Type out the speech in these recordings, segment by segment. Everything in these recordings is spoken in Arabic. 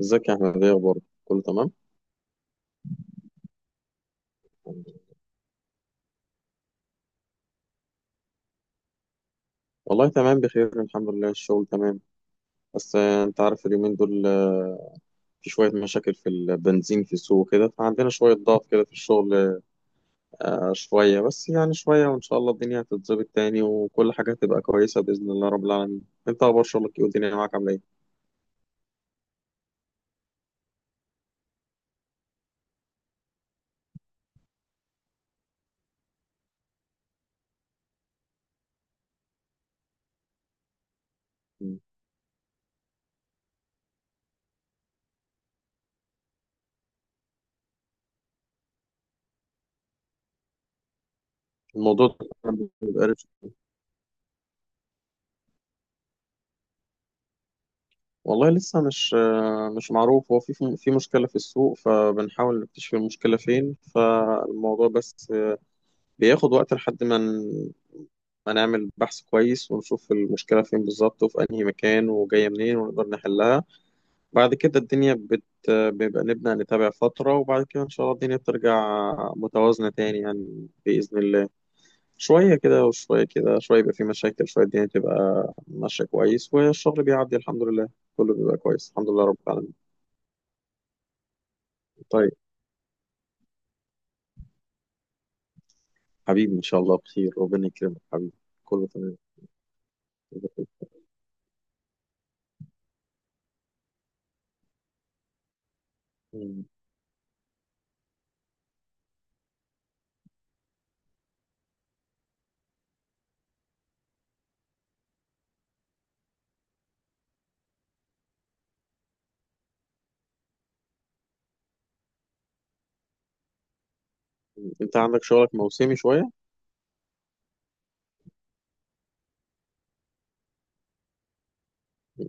ازيك يا احمد، ايه اخبارك؟ كله تمام؟ والله تمام بخير، الحمد لله. الشغل تمام. بس انت عارف اليومين دول، في شوية مشاكل في البنزين في السوق كده، فعندنا شوية ضغط كده في الشغل. شوية بس، يعني شوية، وان شاء الله الدنيا هتتظبط تاني، وكل حاجة هتبقى كويسة بإذن الله رب العالمين. انت اخبار شغلك ايه؟ والدنيا معاك عاملة ايه؟ مم. الموضوع ده بيبقى رخم. والله لسه مش معروف. هو في مشكلة في السوق، فبنحاول نكتشف المشكلة فين. فالموضوع بس بياخد وقت لحد ما هنعمل بحث كويس ونشوف المشكلة فين بالظبط، وفي أنهي مكان، وجاية منين، ونقدر نحلها. بعد كده الدنيا بيبقى نبدأ نتابع فترة، وبعد كده إن شاء الله الدنيا بترجع متوازنة تاني، يعني بإذن الله. شوية كده وشوية كده، شوية يبقى في مشاكل، شوية الدنيا تبقى ماشية كويس والشغل بيعدي الحمد لله. كله بيبقى كويس الحمد لله رب العالمين. طيب. حبيبي إن شاء الله بخير. ربنا يكرمك حبيبي. كله تمام. م- أنت عندك شغلك موسمي شوية؟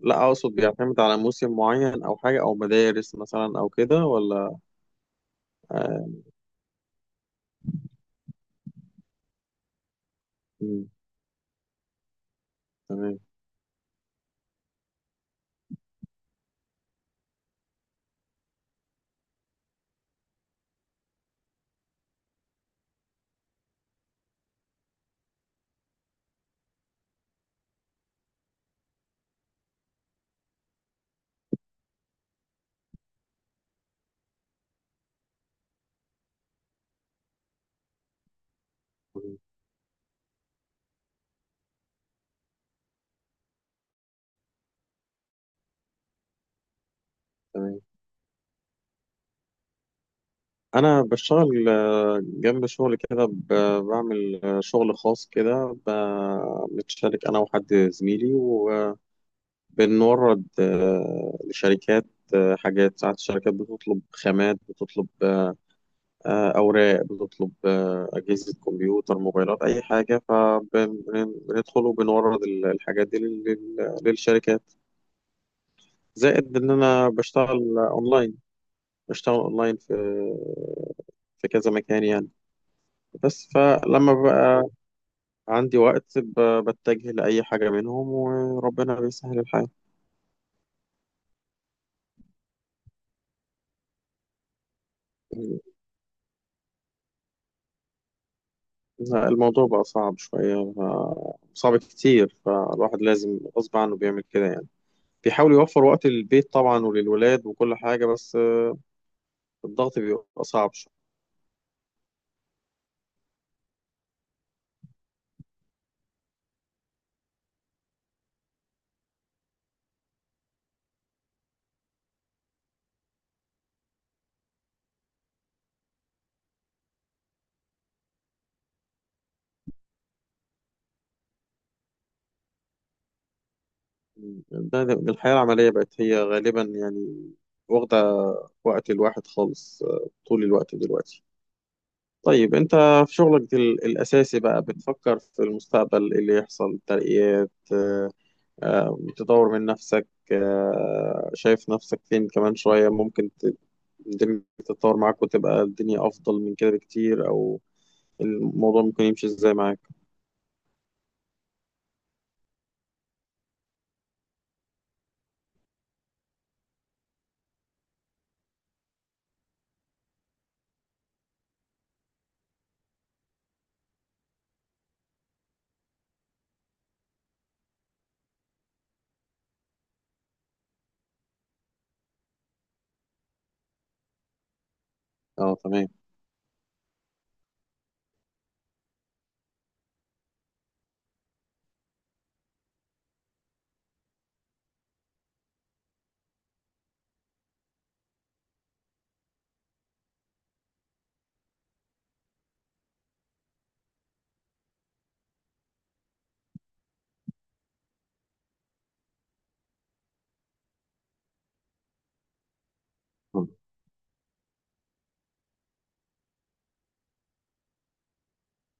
لا، اقصد بيعتمد على موسم معين او حاجه او مدارس مثلا او كده ولا؟ آه. مم، تمام. مم، تمام. انا بشتغل، جنب شغل كده بعمل شغل خاص كده، بنتشارك انا وحد زميلي، وبنورد لشركات حاجات. ساعات الشركات بتطلب خامات، بتطلب أوراق، بتطلب أجهزة كمبيوتر، موبايلات، أي حاجة، فبندخل وبنورد الحاجات دي للشركات. زائد ان انا بشتغل اونلاين، بشتغل اونلاين في في كذا مكان يعني. بس فلما بقى عندي وقت بتجه لأي حاجة منهم، وربنا بيسهل الحال. لا، الموضوع بقى صعب شوية، صعب كتير، فالواحد لازم غصب عنه بيعمل كده يعني. بيحاول يوفر وقت للبيت طبعا وللولاد وكل حاجة، بس الضغط بيبقى صعب. الحياة العملية بقت هي غالبا يعني واخدة وقت الواحد خالص، طول الوقت دلوقتي. طيب انت في شغلك الأساسي بقى بتفكر في المستقبل، إيه اللي يحصل؟ ترقيات، تطور من نفسك؟ شايف نفسك فين كمان شوية؟ ممكن الدنيا تتطور معاك وتبقى الدنيا أفضل من كده بكتير، أو الموضوع ممكن يمشي ازاي معاك؟ اه، تمام.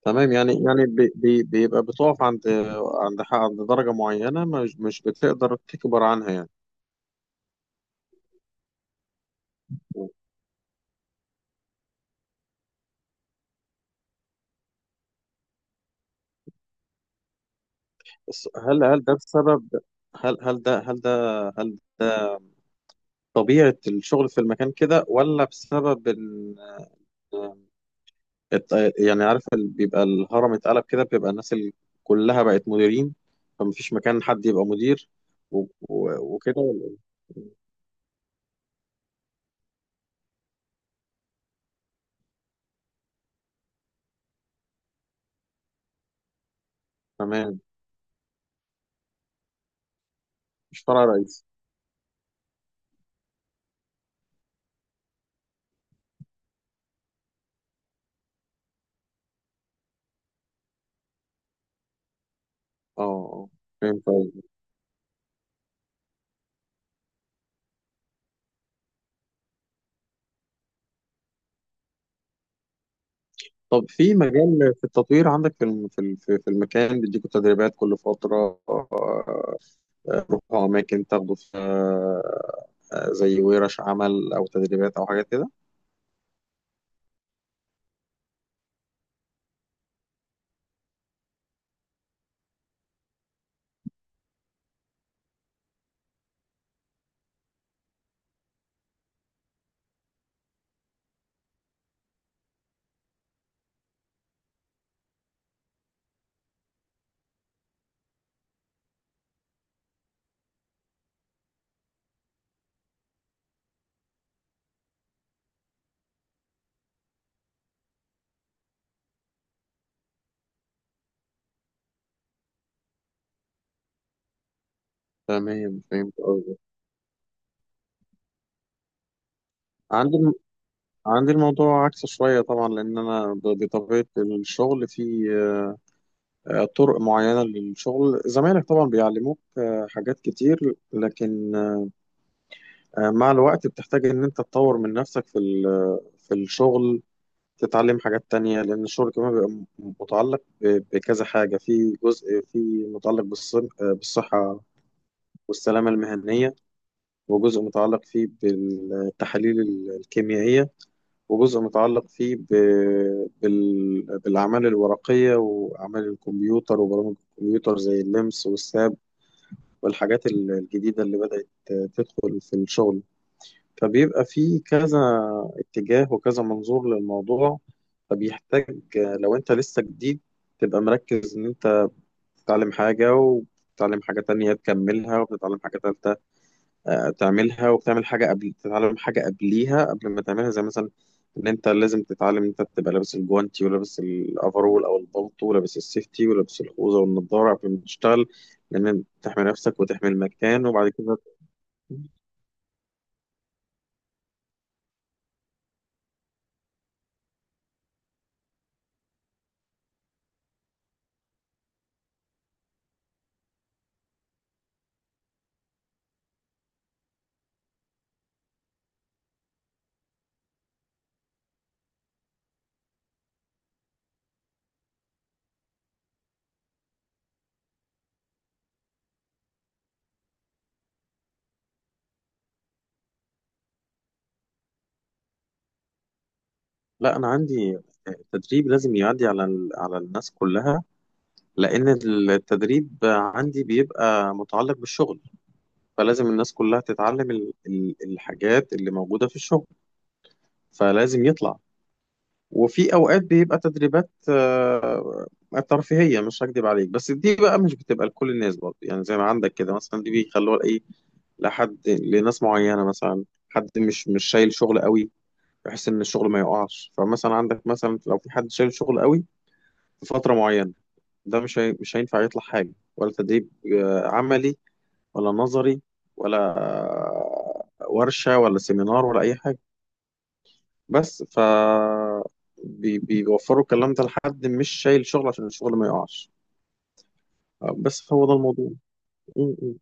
تمام، يعني بيبقى بتقف عند عند درجة معينة، مش بتقدر تكبر عنها يعني. بس هل ده بسبب؟ هل هل ده هل ده هل ده طبيعة الشغل في المكان كده، ولا بسبب إن الت- يعني عارف بيبقى الهرم اتقلب كده، بيبقى الناس كلها بقت مديرين، فمفيش مكان حد يبقى مدير؟ وكده ولا إيه؟ تمام. مش فرع رئيسي. اه، فهمت. طب، في التطوير عندك؟ في الم- في ال- في في المكان بيديكوا تدريبات كل فترة؟ روحوا أماكن تاخدوا في زي ورش عمل أو تدريبات أو حاجات كده؟ تمام فهمت قصدك. عندي الم- عندي الموضوع عكس شوية طبعا، لأن أنا بطبيعة الشغل في طرق معينة للشغل. زمايلك طبعا بيعلموك حاجات كتير، لكن مع الوقت بتحتاج إن أنت تطور من نفسك في في الشغل، تتعلم حاجات تانية. لأن الشغل كمان بيبقى متعلق بكذا حاجة. في جزء في متعلق بالصحة والسلامة المهنية، وجزء متعلق فيه بالتحاليل الكيميائية، وجزء متعلق فيه بالأعمال الورقية وأعمال الكمبيوتر وبرامج الكمبيوتر، زي اللمس والساب والحاجات الجديدة اللي بدأت تدخل في الشغل. فبيبقى في كذا اتجاه وكذا منظور للموضوع، فبيحتاج لو انت لسه جديد تبقى مركز ان انت بتتعلم حاجة وبتتعلم حاجة تانية تكملها وبتتعلم حاجة تالتة تعملها، وبتعمل حاجة قبل تتعلم حاجة قبليها قبل ما تعملها. زي مثلا ان انت لازم تتعلم ان انت تبقى لابس الجوانتي ولابس الافرول او البلطو ولابس السيفتي ولابس الخوذة والنضارة قبل ما تشتغل، لان تحمي نفسك وتحمي المكان وبعد كده. لا، انا عندي تدريب لازم يعدي على على الناس كلها، لان التدريب عندي بيبقى متعلق بالشغل، فلازم الناس كلها تتعلم الحاجات اللي موجودة في الشغل، فلازم يطلع. وفي اوقات بيبقى تدريبات ترفيهية، مش هكدب عليك، بس دي بقى مش بتبقى لكل الناس برضه، يعني زي ما عندك كده مثلا، دي بيخلوها ايه لحد لناس معينة. مثلا حد مش شايل شغل قوي، بحيث ان الشغل ما يقعش. فمثلا عندك مثلا لو في حد شايل شغل قوي في فترة معينة، ده مش هي... مش هينفع يطلع حاجة، ولا تدريب عملي، ولا نظري، ولا ورشة، ولا سيمينار، ولا أي حاجة. بس بيوفروا الكلام ده لحد مش شايل شغل عشان الشغل ما يقعش. بس هو ده الموضوع م- م.